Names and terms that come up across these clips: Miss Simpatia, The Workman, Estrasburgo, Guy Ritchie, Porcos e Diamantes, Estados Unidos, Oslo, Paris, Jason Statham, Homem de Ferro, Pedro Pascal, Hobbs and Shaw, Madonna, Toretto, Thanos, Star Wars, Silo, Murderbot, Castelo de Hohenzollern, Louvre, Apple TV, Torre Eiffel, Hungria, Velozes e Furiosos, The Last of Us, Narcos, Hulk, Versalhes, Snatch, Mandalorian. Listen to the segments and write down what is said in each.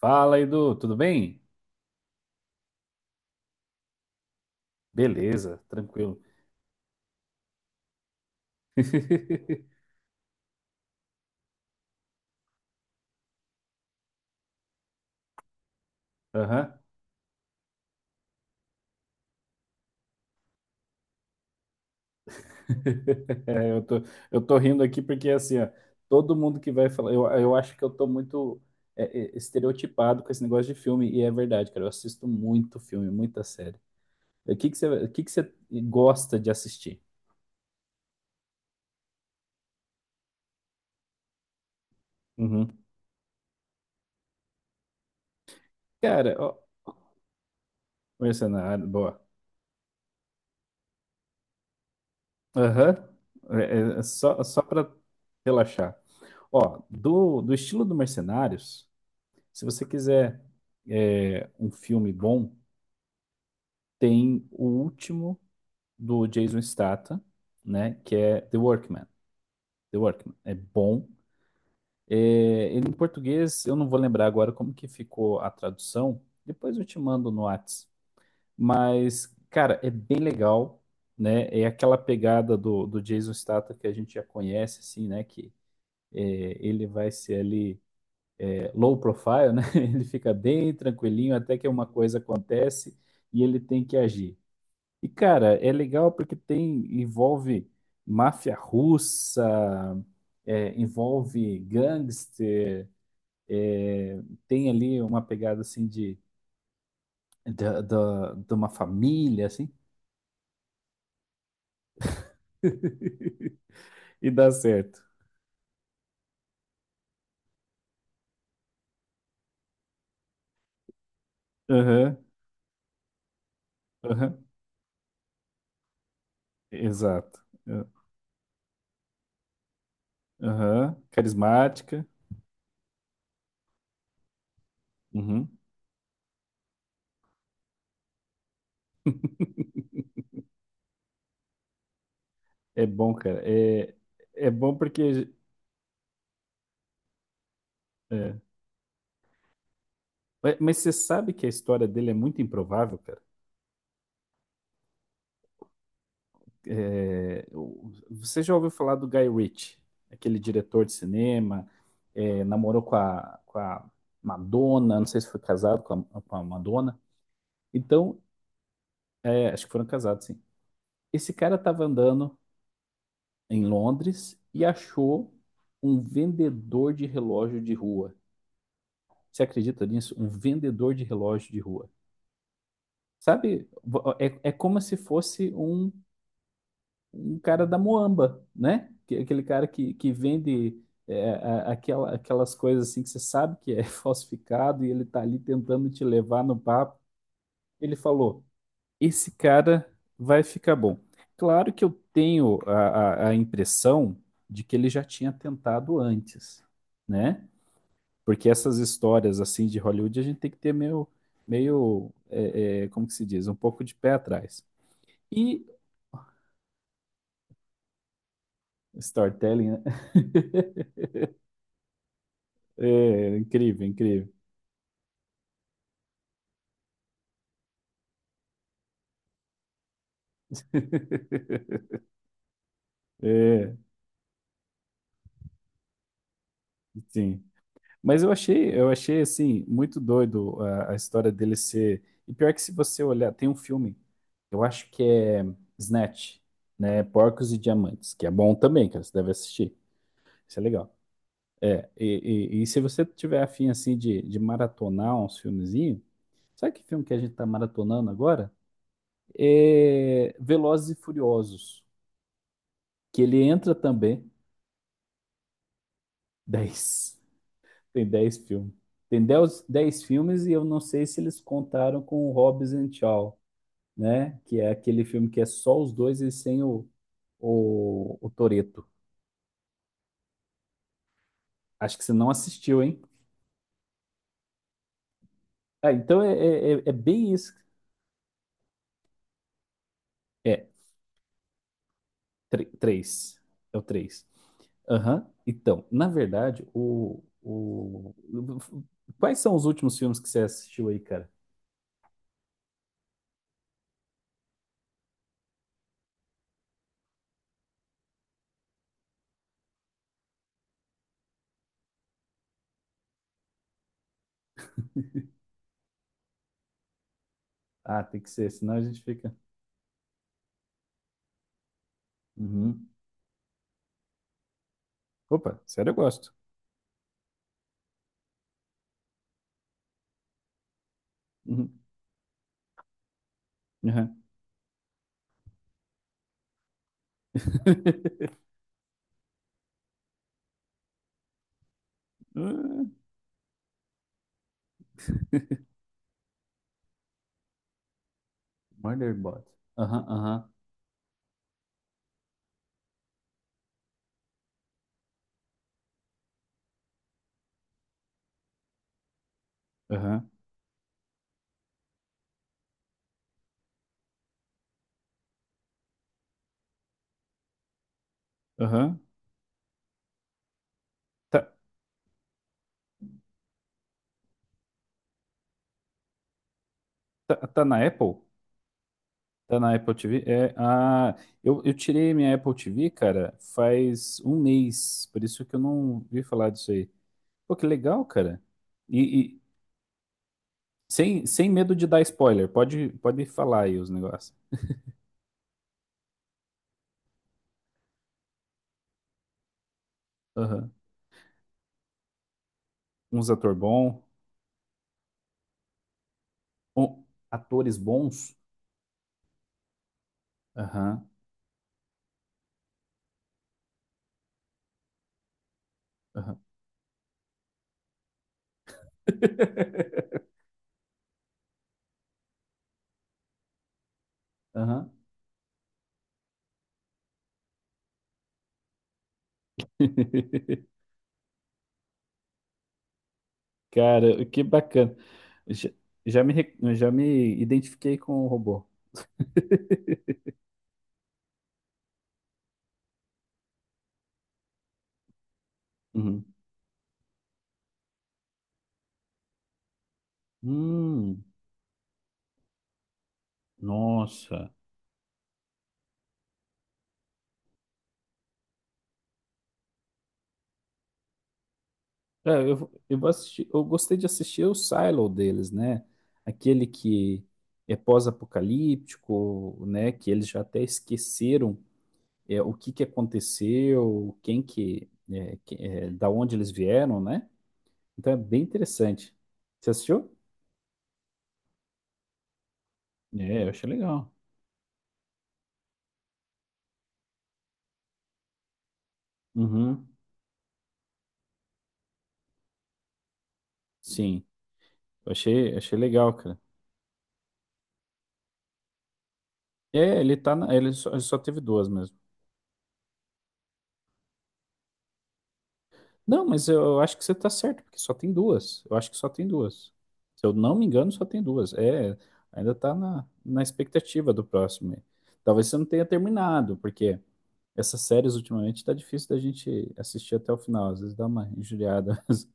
Fala, Edu, tudo bem? Beleza, tranquilo. Aham. Eu tô, eu tô rindo aqui porque, assim, ó, todo mundo que vai falar, eu acho que eu tô muito é, estereotipado com esse negócio de filme, e é verdade, cara, eu assisto muito filme, muita série. O que que você gosta de assistir? Uhum. Cara, ó, Mercenário, boa. Aham. Só pra relaxar. Ó, do estilo do Mercenários. Se você quiser um filme bom, tem o último do Jason Statham, né? Que é The Workman. The Workman é bom. É, ele em português, eu não vou lembrar agora como que ficou a tradução. Depois eu te mando no Whats. Mas, cara, é bem legal, né? É aquela pegada do Jason Statham que a gente já conhece, assim, né? Que é, ele vai ser ali low profile, né? Ele fica bem tranquilinho até que uma coisa acontece e ele tem que agir. E cara, é legal porque tem envolve máfia russa, envolve gangster, é, tem ali uma pegada assim de, de uma família assim e dá certo. Aham, aham, exato. Aham, carismática. Uhum. É bom, cara. É, é bom porque é, Ué, mas você sabe que a história dele é muito improvável, cara? Você já ouviu falar do Guy Ritchie, aquele diretor de cinema, namorou com a Madonna, não sei se foi casado com a Madonna. Então, acho que foram casados, sim. Esse cara estava andando em Londres e achou um vendedor de relógio de rua. Você acredita nisso? Um vendedor de relógio de rua. Sabe, como se fosse um cara da Moamba, né? Aquele cara que vende aquelas coisas assim que você sabe que é falsificado e ele tá ali tentando te levar no papo. Ele falou: esse cara vai ficar bom. Claro que eu tenho a impressão de que ele já tinha tentado antes, né? Porque essas histórias assim de Hollywood a gente tem que ter meio como que se diz, um pouco de pé atrás. E storytelling, né? É, incrível, incrível. É, sim. Mas eu achei assim muito doido a história dele ser. E pior que se você olhar, tem um filme, eu acho que é Snatch, né? Porcos e Diamantes, que é bom também, cara. Você deve assistir. Isso é legal. É, e se você tiver afim assim de maratonar uns filmezinhos, sabe que filme que a gente tá maratonando agora? É Velozes e Furiosos, que ele entra também 10. Tem 10 filmes. Tem 10 10 filmes e eu não sei se eles contaram com o Hobbs and Shaw, né? Que é aquele filme que é só os dois e sem o Toretto. Acho que você não assistiu, hein? Ah, então é bem isso. É, três. É o 3. Aham. Então, na verdade, o... Quais são os últimos filmes que você assistiu aí, cara? Ah, tem que ser, senão a gente fica... Uhum. Opa, sério, eu gosto. Uhum. Uhum. Hum, Murderbot. Aham, aham, aham, aham. Tá, tá, tá na Apple? Tá na Apple TV? Eu tirei minha Apple TV, cara, faz um mês, por isso que eu não vi falar disso aí. Pô, que legal, cara. E sem medo de dar spoiler, pode falar aí os negócios. Aham. Uns ator bom, um- atores bons. Aham, aham, aham. Cara, que bacana. Já, já me identifiquei com o robô. Uhum. Hum, nossa. É, eu vou assistir, eu gostei de assistir o Silo deles, né? Aquele que é pós-apocalíptico, né? Que eles já até esqueceram o que que aconteceu, quem que, da onde eles vieram, né? Então é bem interessante. Você assistiu? É, eu achei legal. Uhum, sim, eu achei legal, cara. É, ele tá na, ele só teve duas mesmo. Não, mas eu acho que você tá certo, porque só tem duas. Eu acho que só tem duas. Se eu não me engano, só tem duas. É, ainda tá na expectativa do próximo aí. Talvez você não tenha terminado, porque essas séries ultimamente tá difícil da gente assistir até o final. Às vezes dá uma injuriada.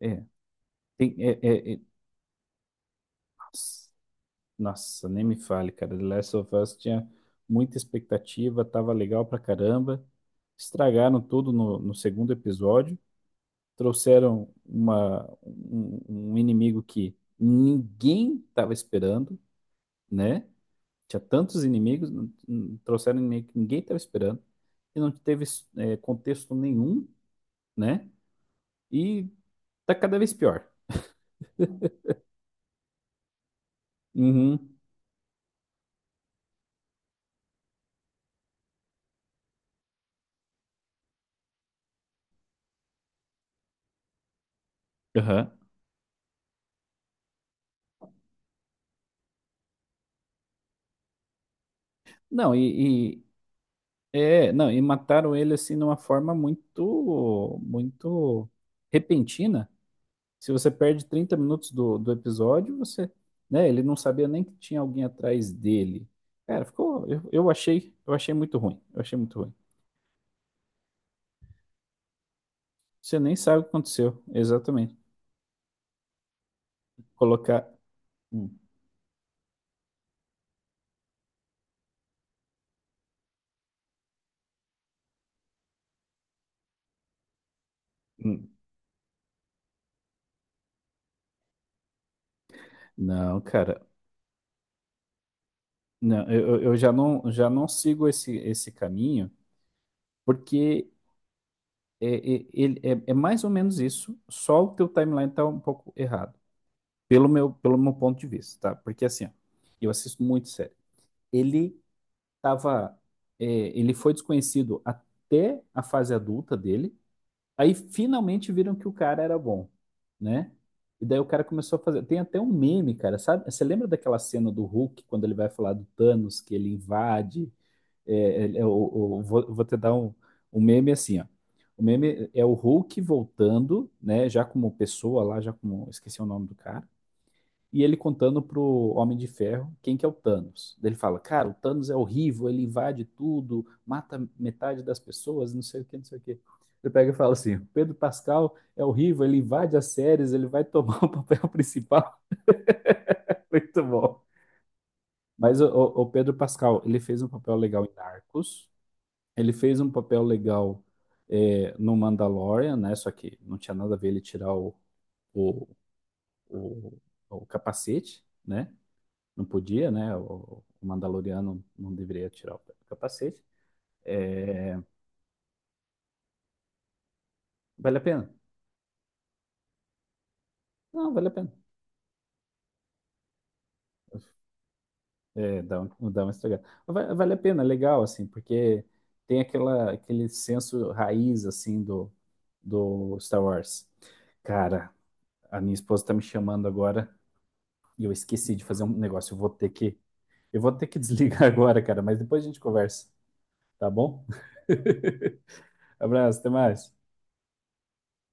É, tem, é, é, é- Nossa, nossa, nem me fale, cara. The Last of Us tinha muita expectativa, tava legal pra caramba. Estragaram tudo no segundo episódio. Trouxeram um inimigo que ninguém estava esperando, né? Tinha tantos inimigos, trouxeram um inimigo que ninguém estava esperando, e não teve contexto nenhum, né? E tá cada vez pior. Uhum, aham. Não, não, e mataram ele assim de uma forma muito, muito repentina. Se você perde 30 minutos do episódio, você, né, ele não sabia nem que tinha alguém atrás dele. Cara, ficou, eu achei muito ruim, eu achei muito ruim. Você nem sabe o que aconteceu, exatamente. Colocar, Hum, hum. Não, cara, não, eu já não sigo esse caminho, porque mais ou menos isso, só o teu timeline tá um pouco errado, pelo meu ponto de vista, tá? Porque assim, ó, eu assisto muito série. Ele tava, Ele foi desconhecido até a fase adulta dele. Aí finalmente viram que o cara era bom, né? E daí o cara começou a fazer. Tem até um meme, cara. Sabe? Você lembra daquela cena do Hulk quando ele vai falar do Thanos, que ele invade? É, ele- é o- vou te dar um meme assim, ó. O meme é o Hulk voltando, né? Já como pessoa lá, já como. Esqueci o nome do cara e ele contando pro Homem de Ferro quem que é o Thanos. Daí ele fala, cara, o Thanos é horrível, ele invade tudo, mata metade das pessoas, não sei o que, não sei o que. Ele pega e fala assim, o Pedro Pascal é horrível, ele invade as séries, ele vai tomar o papel principal. Muito bom. Mas o Pedro Pascal, ele fez um papel legal em Narcos, ele fez um papel legal no Mandalorian, né? Só que não tinha nada a ver ele tirar o, o, o capacete, né? Não podia, né? O Mandaloriano não deveria tirar o capacete. É, vale a pena? Não, vale a pena. Dá uma estragada. Mas vale a pena, é legal, assim, porque tem aquele senso raiz, assim, do Star Wars. Cara, a minha esposa tá me chamando agora e eu esqueci de fazer um negócio. Eu vou ter que desligar agora, cara, mas depois a gente conversa, tá bom? Abraço, até mais.